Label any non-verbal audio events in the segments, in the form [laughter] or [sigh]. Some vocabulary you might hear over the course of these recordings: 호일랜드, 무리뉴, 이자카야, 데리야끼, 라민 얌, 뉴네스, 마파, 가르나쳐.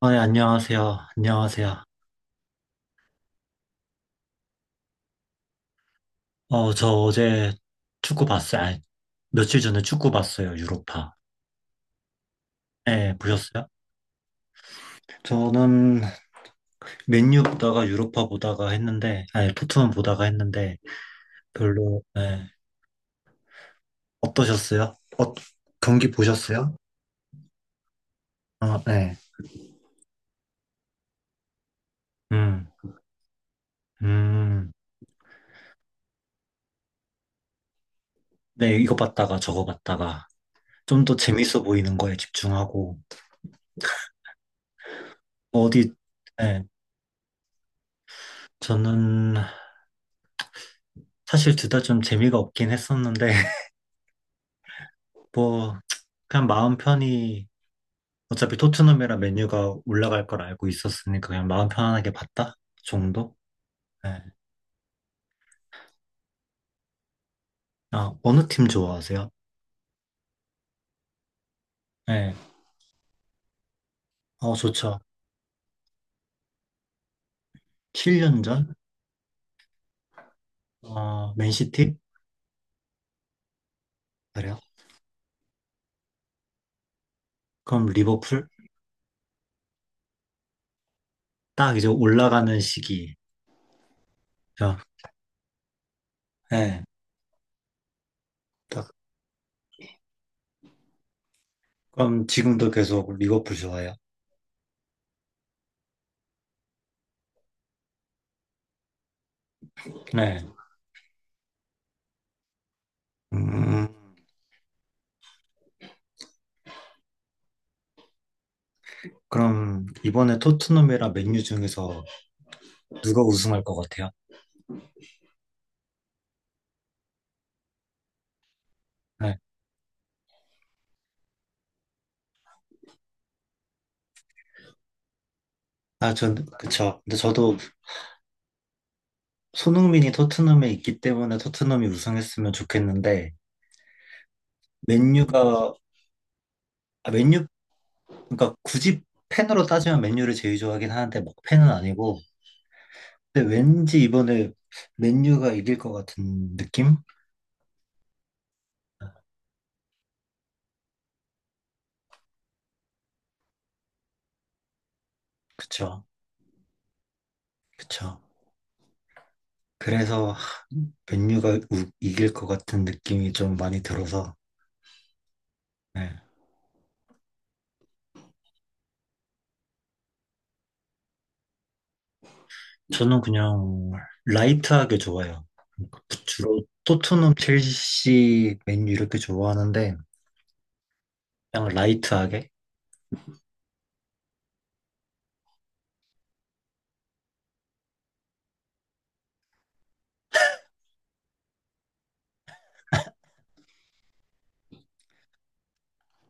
아, 네, 안녕하세요. 안녕하세요. 어, 저 어제 축구 봤어요. 아니, 며칠 전에 축구 봤어요. 유로파. 네, 보셨어요? 저는 맨유 보다가 유로파 보다가 했는데, 아니, 토트넘 보다가 했는데, 별로, 네. 어떠셨어요? 어, 경기 보셨어요? 어, 네. 음, 음. 네, 이거 봤다가 저거 봤다가, 좀 더 재밌어 보이는 거에 집중하고, 어디, 네. 저는 사실 둘 다 좀 재미가 없긴 했었는데, 뭐 그냥 마음 편히 어차피 토트넘이랑 맨유가 올라갈 걸 알고 있었으니까 그냥 마음 편안하게 봤다 정도? 네. 아, 어느 팀 좋아하세요? 네. 어, 좋죠. 7년 전? 어, 맨시티? 그래요? 그럼 리버풀? 딱 이제 올라가는 시기. 죠 네. 딱. 그럼 지금도 계속 리버풀 좋아해요? 네. 음, 그럼 이번에 토트넘이랑 맨유 중에서 누가 우승할 것 같아요? 네. 아, 그쵸. 근데 저도 손흥민이 토트넘에 있기 때문에 토트넘이 우승했으면 좋겠는데 맨유가 아, 맨유 그러니까 굳이 팬으로 따지면 맨유를 제일 좋아하긴 하는데 막 팬은 아니고 근데 왠지 이번에 맨유가 이길 것 같은 느낌? 그쵸, 그쵸. 그래서 하, 맨유가 이길 것 같은 느낌이 좀 많이 들어서 네. 저는 그냥 라이트하게 좋아요. 주로 토트넘 첼시 맨유 이렇게 좋아하는데 그냥 라이트하게.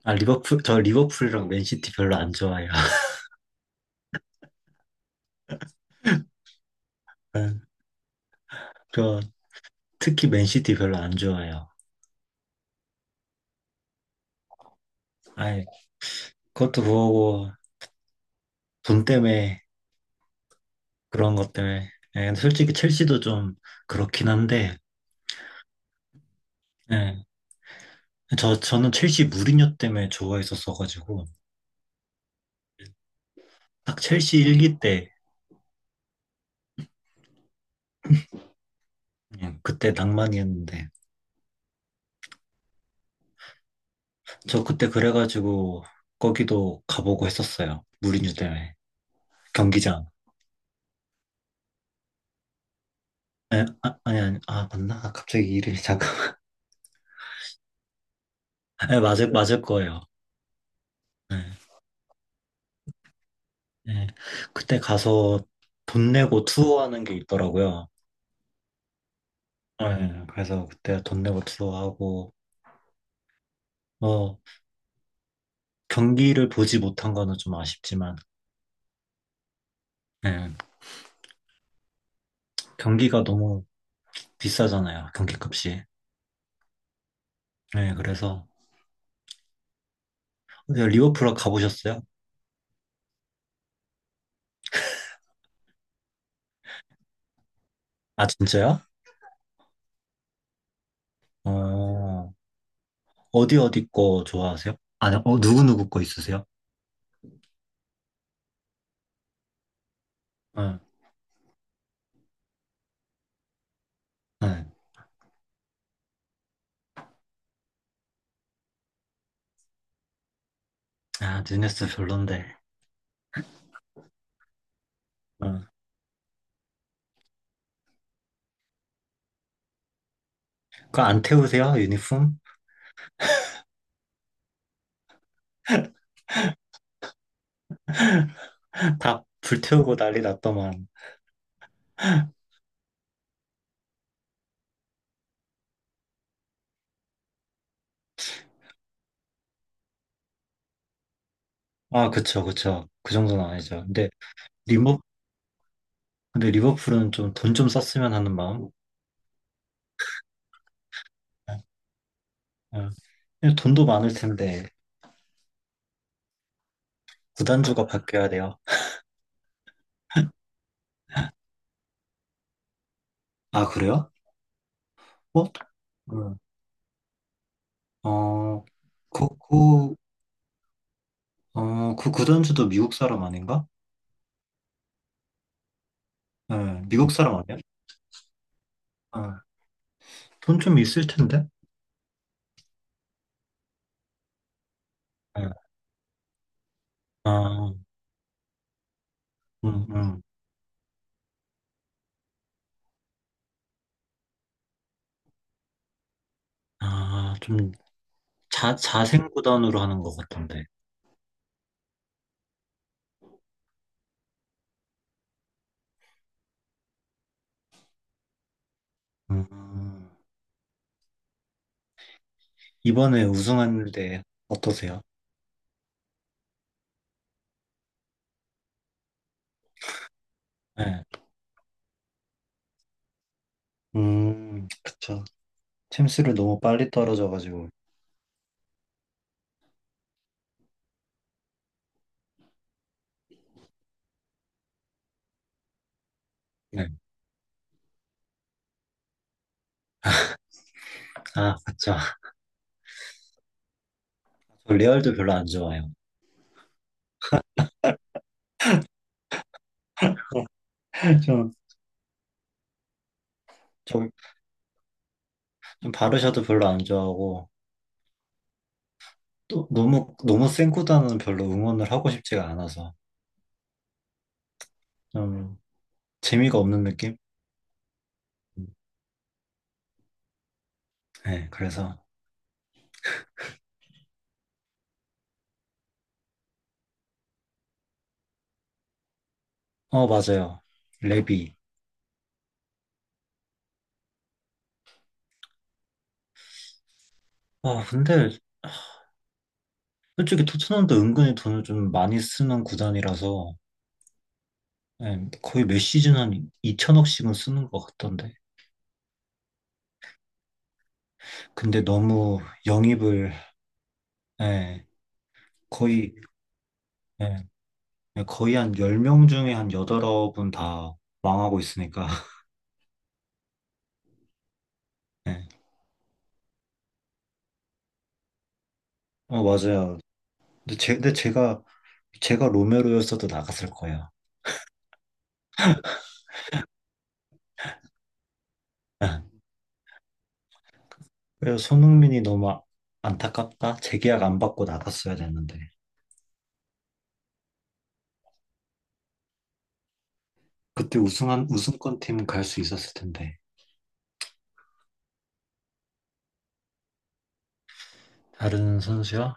저 리버풀이랑 맨시티 별로 안 좋아해요. [laughs] 네, 저 특히 맨시티 별로 안 좋아해요. 아이, 그것도 그거고, 돈 때문에, 그런 것 때문에. 예, 근데 솔직히 첼시도 좀 그렇긴 한데, 예, 저는 첼시 무리뉴 때문에 좋아했었어가지고, 딱 첼시 일기 때, 예, 그때 낭만이었는데, 저 그때 그래가지고, 거기도 가보고 했었어요. 무리뉴 때문에. 경기장. 예, 아, 아니, 아니, 아, 맞나? 갑자기 이름이 잠깐만. [laughs] 예, 맞을 거예요. 네. 네. 그때 가서 돈 내고 투어하는 게 있더라고요. 네. 그래서 그때 돈 내고 투어하고, 뭐, 경기를 보지 못한 거는 좀 아쉽지만, 네. 경기가 너무 비싸잖아요. 경기값이. 네. 그래서, 근데 리버풀 가보셨어요? 아, 진짜요? 어, 어디 어디 거 좋아하세요? 아니, 어, 누구누구 거 있으세요? 응, 응. 아, 뉴네스 별론데. 응. 그거 안 태우세요? 유니폼? [laughs] 다 불태우고 난리 났더만. 아, 그쵸, 그쵸. 그 정도는 아니죠. 근데 리버, 근데 리버풀은 좀 돈 좀 썼으면 하는 마음. 아, 아. 근데 돈도 많을 텐데 구단주가 바뀌어야 돼요. 아, 그래요? 어? 음. 어, 그, 그, 어, 그 구단주도 미국 사람 아닌가? 예, 미국 사람 아니야? 아, 돈좀 있을 텐데? 예. 아, 음, 음. 아, 좀 자생 구단으로 하는 것 같던데. 음, 이번에 우승하는데 어떠세요? 네. 그쵸. 챔스를 너무 빨리 떨어져가지고. 네. 아, 맞죠. [laughs] 저 레알도 별로 안 좋아해요. [laughs] 좀, 좀, 좀 바르샤도 별로 안 좋아하고 또 너무 너무 센 구단은 별로 응원을 하고 싶지가 않아서 좀 재미가 없는 느낌? 네, 그래서. 어, 맞아요. 레비. 아, 근데 솔직히 토트넘도 은근히 돈을 좀 많이 쓰는 구단이라서 네, 거의 몇 시즌 한 2천억씩은 쓰는 것 같던데. 근데 너무 영입을 네, 거의 네. 네, 거의 한 10명 중에 한 8분 다 망하고 있으니까. [laughs] 네. 어, 맞아요. 근데, 제가 로메로였어도 나갔을 거예요. 네. 그래서 손흥민이 너무 안타깝다. 재계약 안 받고 나갔어야 됐는데. 우승권 팀 갈 수 있었을 텐데. 다른 선수야?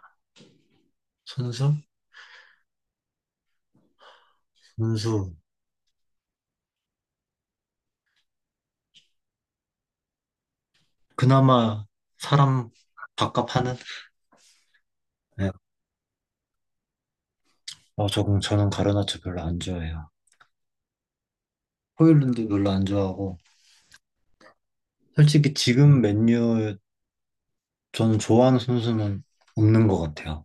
선수? 선수. 그나마 사람 밥값하는? 네. 어, 저는 가르나쳐 별로 안 좋아해요. 호일랜드 별로 안 좋아하고. 솔직히 지금 맨유 저는 좋아하는 선수는 없는 것 같아요.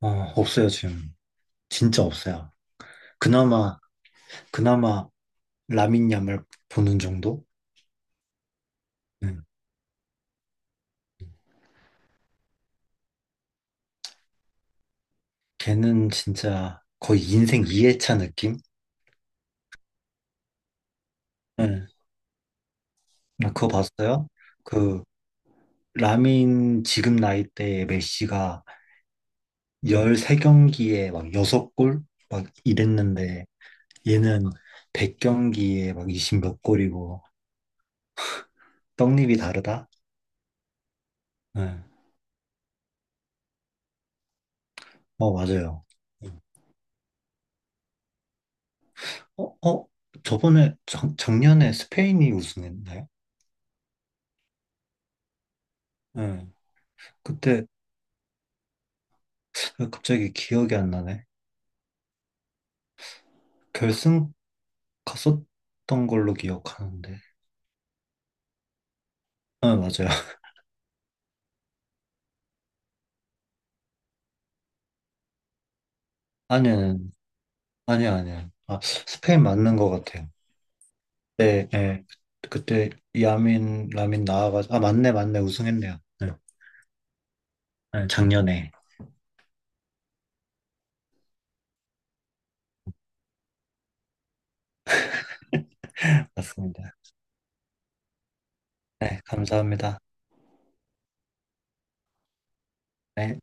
어, 없어요, 지금. 진짜 없어요. 그나마, 그나마 라민 얌을 보는 정도? 네. 걔는 진짜 거의 인생 2회차 느낌? 네. 아, 그거 봤어요? 그, 라민 지금 나이대에 메시가 13경기에 막 6골? 막 이랬는데, 얘는 100경기에 막 20몇 골이고, 떡잎이 다르다? 네. 어, 맞아요. 음. 어, 어, 저번에, 작년에 스페인이 우승했나요? 예. 그때 갑자기 기억이 안 나네. 결승 갔었던 걸로 기억하는데. 아, 맞아요. [laughs] 아니요, 아니요, 아니요. 아, 스페인 맞는 것 같아요. 네, 예. 그때 라민 나와가지고, 아, 맞네, 맞네, 우승했네요. 네, 네, 작년에. [laughs] 맞습니다. 네, 감사합니다. 네.